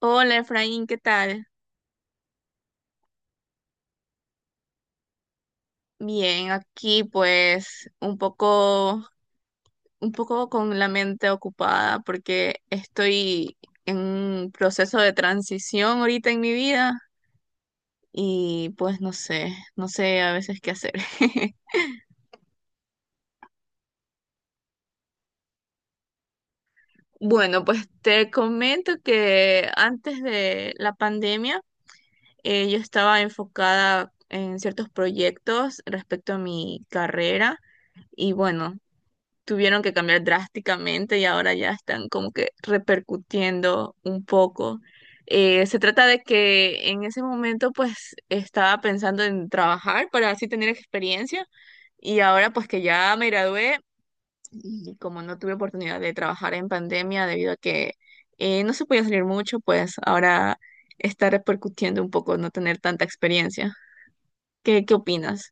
Hola Efraín, ¿qué tal? Bien, aquí pues un poco con la mente ocupada porque estoy en un proceso de transición ahorita en mi vida y pues no sé, no sé a veces qué hacer. Bueno, pues te comento que antes de la pandemia yo estaba enfocada en ciertos proyectos respecto a mi carrera y bueno, tuvieron que cambiar drásticamente y ahora ya están como que repercutiendo un poco. Se trata de que en ese momento pues estaba pensando en trabajar para así tener experiencia y ahora pues que ya me gradué y como no tuve oportunidad de trabajar en pandemia debido a que no se podía salir mucho, pues ahora está repercutiendo un poco no tener tanta experiencia. ¿Qué, qué opinas?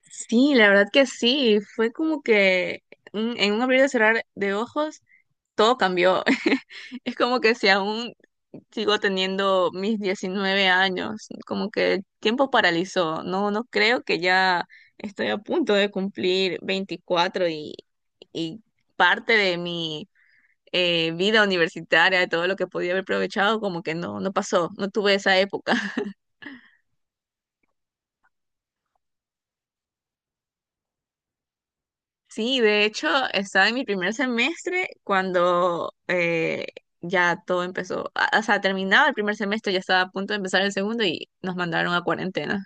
Sí, la verdad que sí, fue como que en un abrir y cerrar de ojos todo cambió. Es como que si aún sigo teniendo mis 19 años, como que el tiempo paralizó. No, no creo que ya estoy a punto de cumplir 24 y parte de mi vida universitaria, de todo lo que podía haber aprovechado, como que no, no pasó, no tuve esa época. Sí, de hecho, estaba en mi primer semestre cuando ya todo empezó. O sea, terminaba el primer semestre, ya estaba a punto de empezar el segundo y nos mandaron a cuarentena.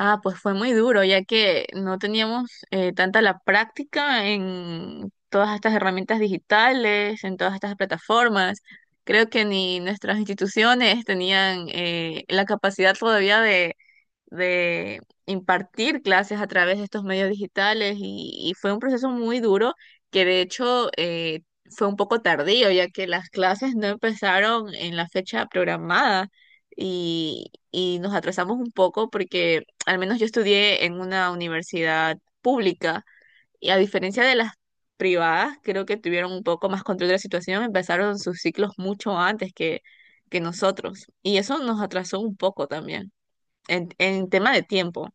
Ah, pues fue muy duro, ya que no teníamos tanta la práctica en todas estas herramientas digitales, en todas estas plataformas. Creo que ni nuestras instituciones tenían la capacidad todavía de impartir clases a través de estos medios digitales y fue un proceso muy duro que de hecho fue un poco tardío ya que las clases no empezaron en la fecha programada y nos atrasamos un poco porque al menos yo estudié en una universidad pública y a diferencia de las privadas creo que tuvieron un poco más control de la situación, empezaron sus ciclos mucho antes que nosotros y eso nos atrasó un poco también. En tema de tiempo.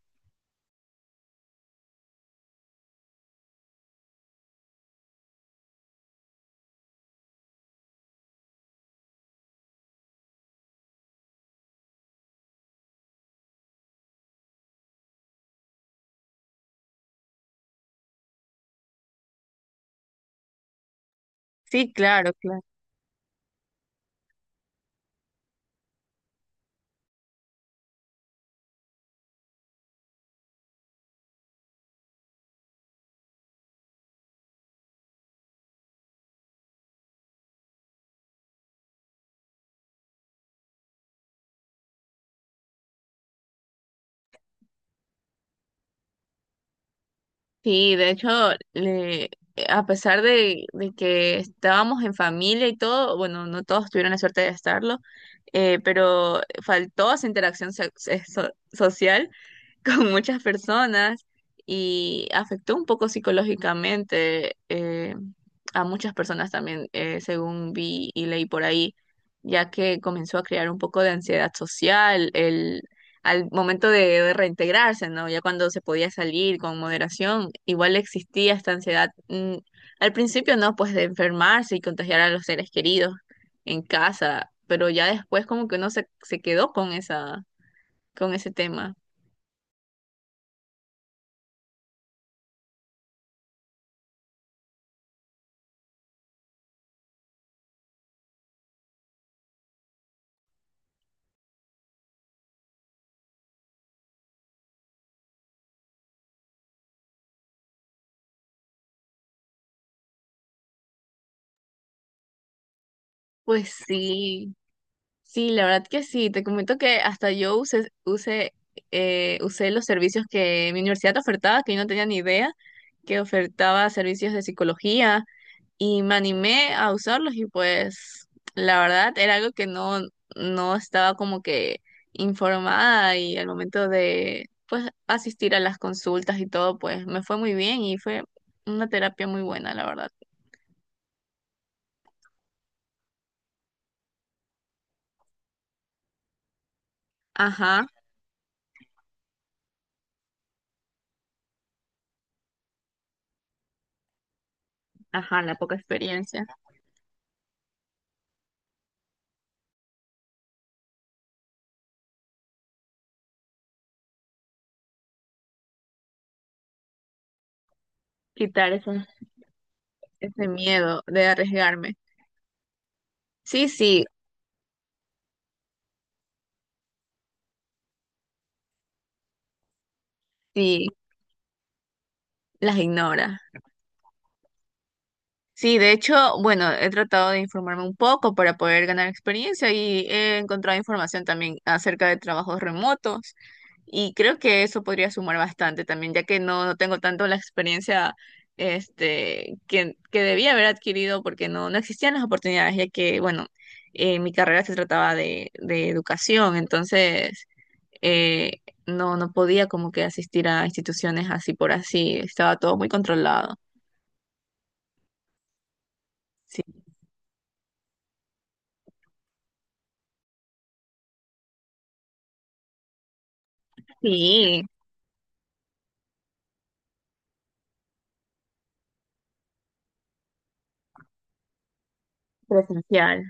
Sí, claro, claro. Sí, de hecho, le- a pesar de que estábamos en familia y todo, bueno, no todos tuvieron la suerte de estarlo, pero faltó esa interacción social con muchas personas y afectó un poco psicológicamente a muchas personas también, según vi y leí por ahí, ya que comenzó a crear un poco de ansiedad social el, al momento de reintegrarse, ¿no? Ya cuando se podía salir con moderación, igual existía esta ansiedad, al principio, ¿no? Pues de enfermarse y contagiar a los seres queridos en casa, pero ya después como que uno se, se quedó con esa, con ese tema. Pues sí, sí, la verdad que sí. Te comento que hasta yo usé, usé, usé los servicios que mi universidad ofertaba, que yo no tenía ni idea, que ofertaba servicios de psicología y me animé a usarlos y pues la verdad era algo que no, no estaba como que informada y al momento de pues asistir a las consultas y todo, pues me fue muy bien y fue una terapia muy buena, la verdad. Ajá, ajá, la poca experiencia. Quitar esos. Ese miedo de arriesgarme. Sí, sí, sí, las ignora. Sí, de hecho, bueno, he tratado de informarme un poco para poder ganar experiencia y he encontrado información también acerca de trabajos remotos y creo que eso podría sumar bastante también, ya que no, no tengo tanto la experiencia este, que debía haber adquirido porque no, no existían las oportunidades, ya que, bueno, mi carrera se trataba de educación, entonces... eh, no, no podía como que asistir a instituciones así por así, estaba todo muy controlado. Sí, sí, presencial.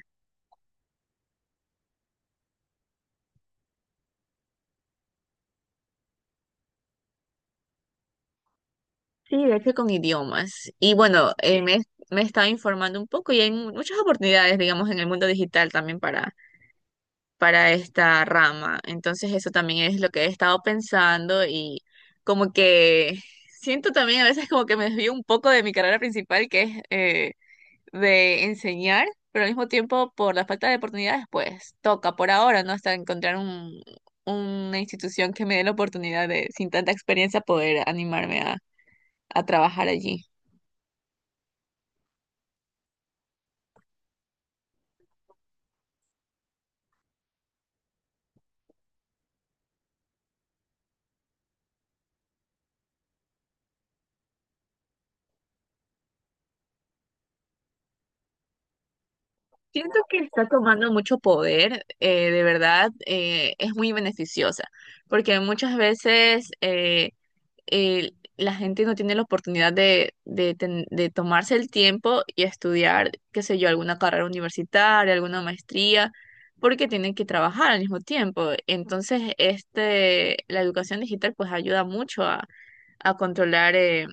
Sí, de hecho con idiomas. Y bueno, me estaba informando un poco y hay muchas oportunidades, digamos, en el mundo digital también para esta rama. Entonces eso también es lo que he estado pensando y como que siento también a veces como que me desvío un poco de mi carrera principal, que es... de enseñar, pero al mismo tiempo por la falta de oportunidades, pues toca por ahora, ¿no? Hasta encontrar un, una institución que me dé la oportunidad de, sin tanta experiencia, poder animarme a trabajar allí. Siento que está tomando mucho poder, de verdad, es muy beneficiosa, porque muchas veces... la gente no tiene la oportunidad de, de tomarse el tiempo y estudiar, qué sé yo, alguna carrera universitaria, alguna maestría, porque tienen que trabajar al mismo tiempo. Entonces, este, la educación digital pues ayuda mucho a controlar.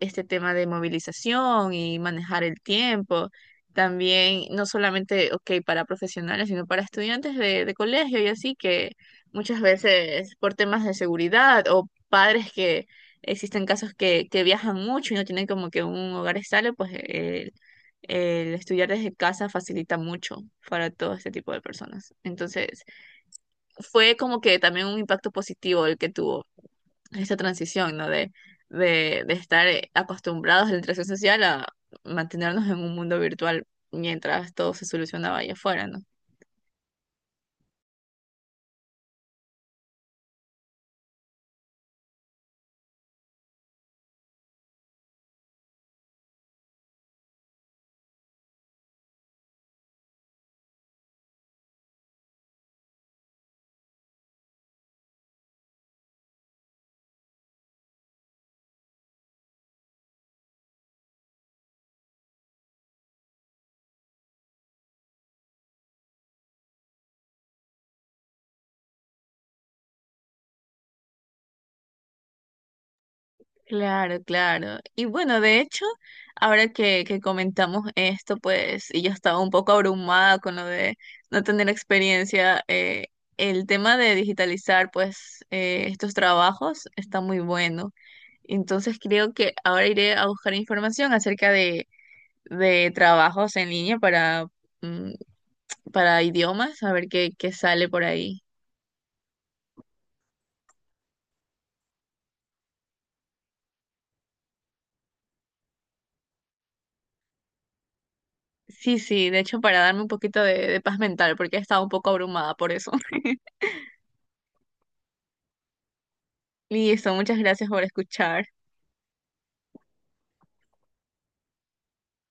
Este tema de movilización y manejar el tiempo. También, no solamente, ok, para profesionales, sino para estudiantes de colegio y así, que muchas veces por temas de seguridad o padres que existen casos que viajan mucho y no tienen como que un hogar estable, pues el estudiar desde casa facilita mucho para todo este tipo de personas. Entonces, fue como que también un impacto positivo el que tuvo esta transición, ¿no? De estar acostumbrados a la interacción social a mantenernos en un mundo virtual mientras todo se solucionaba allá afuera, ¿no? Claro, claro. Y bueno, de hecho, ahora que comentamos esto, pues, y yo estaba un poco abrumada con lo de no tener experiencia, el tema de digitalizar, pues, estos trabajos está muy bueno. Entonces creo que ahora iré a buscar información acerca de trabajos en línea para, mm, para idiomas, a ver qué, qué sale por ahí. Sí, sí, de hecho, para darme un poquito de paz mental, porque he estado un poco abrumada por eso. Listo, muchas gracias por escuchar.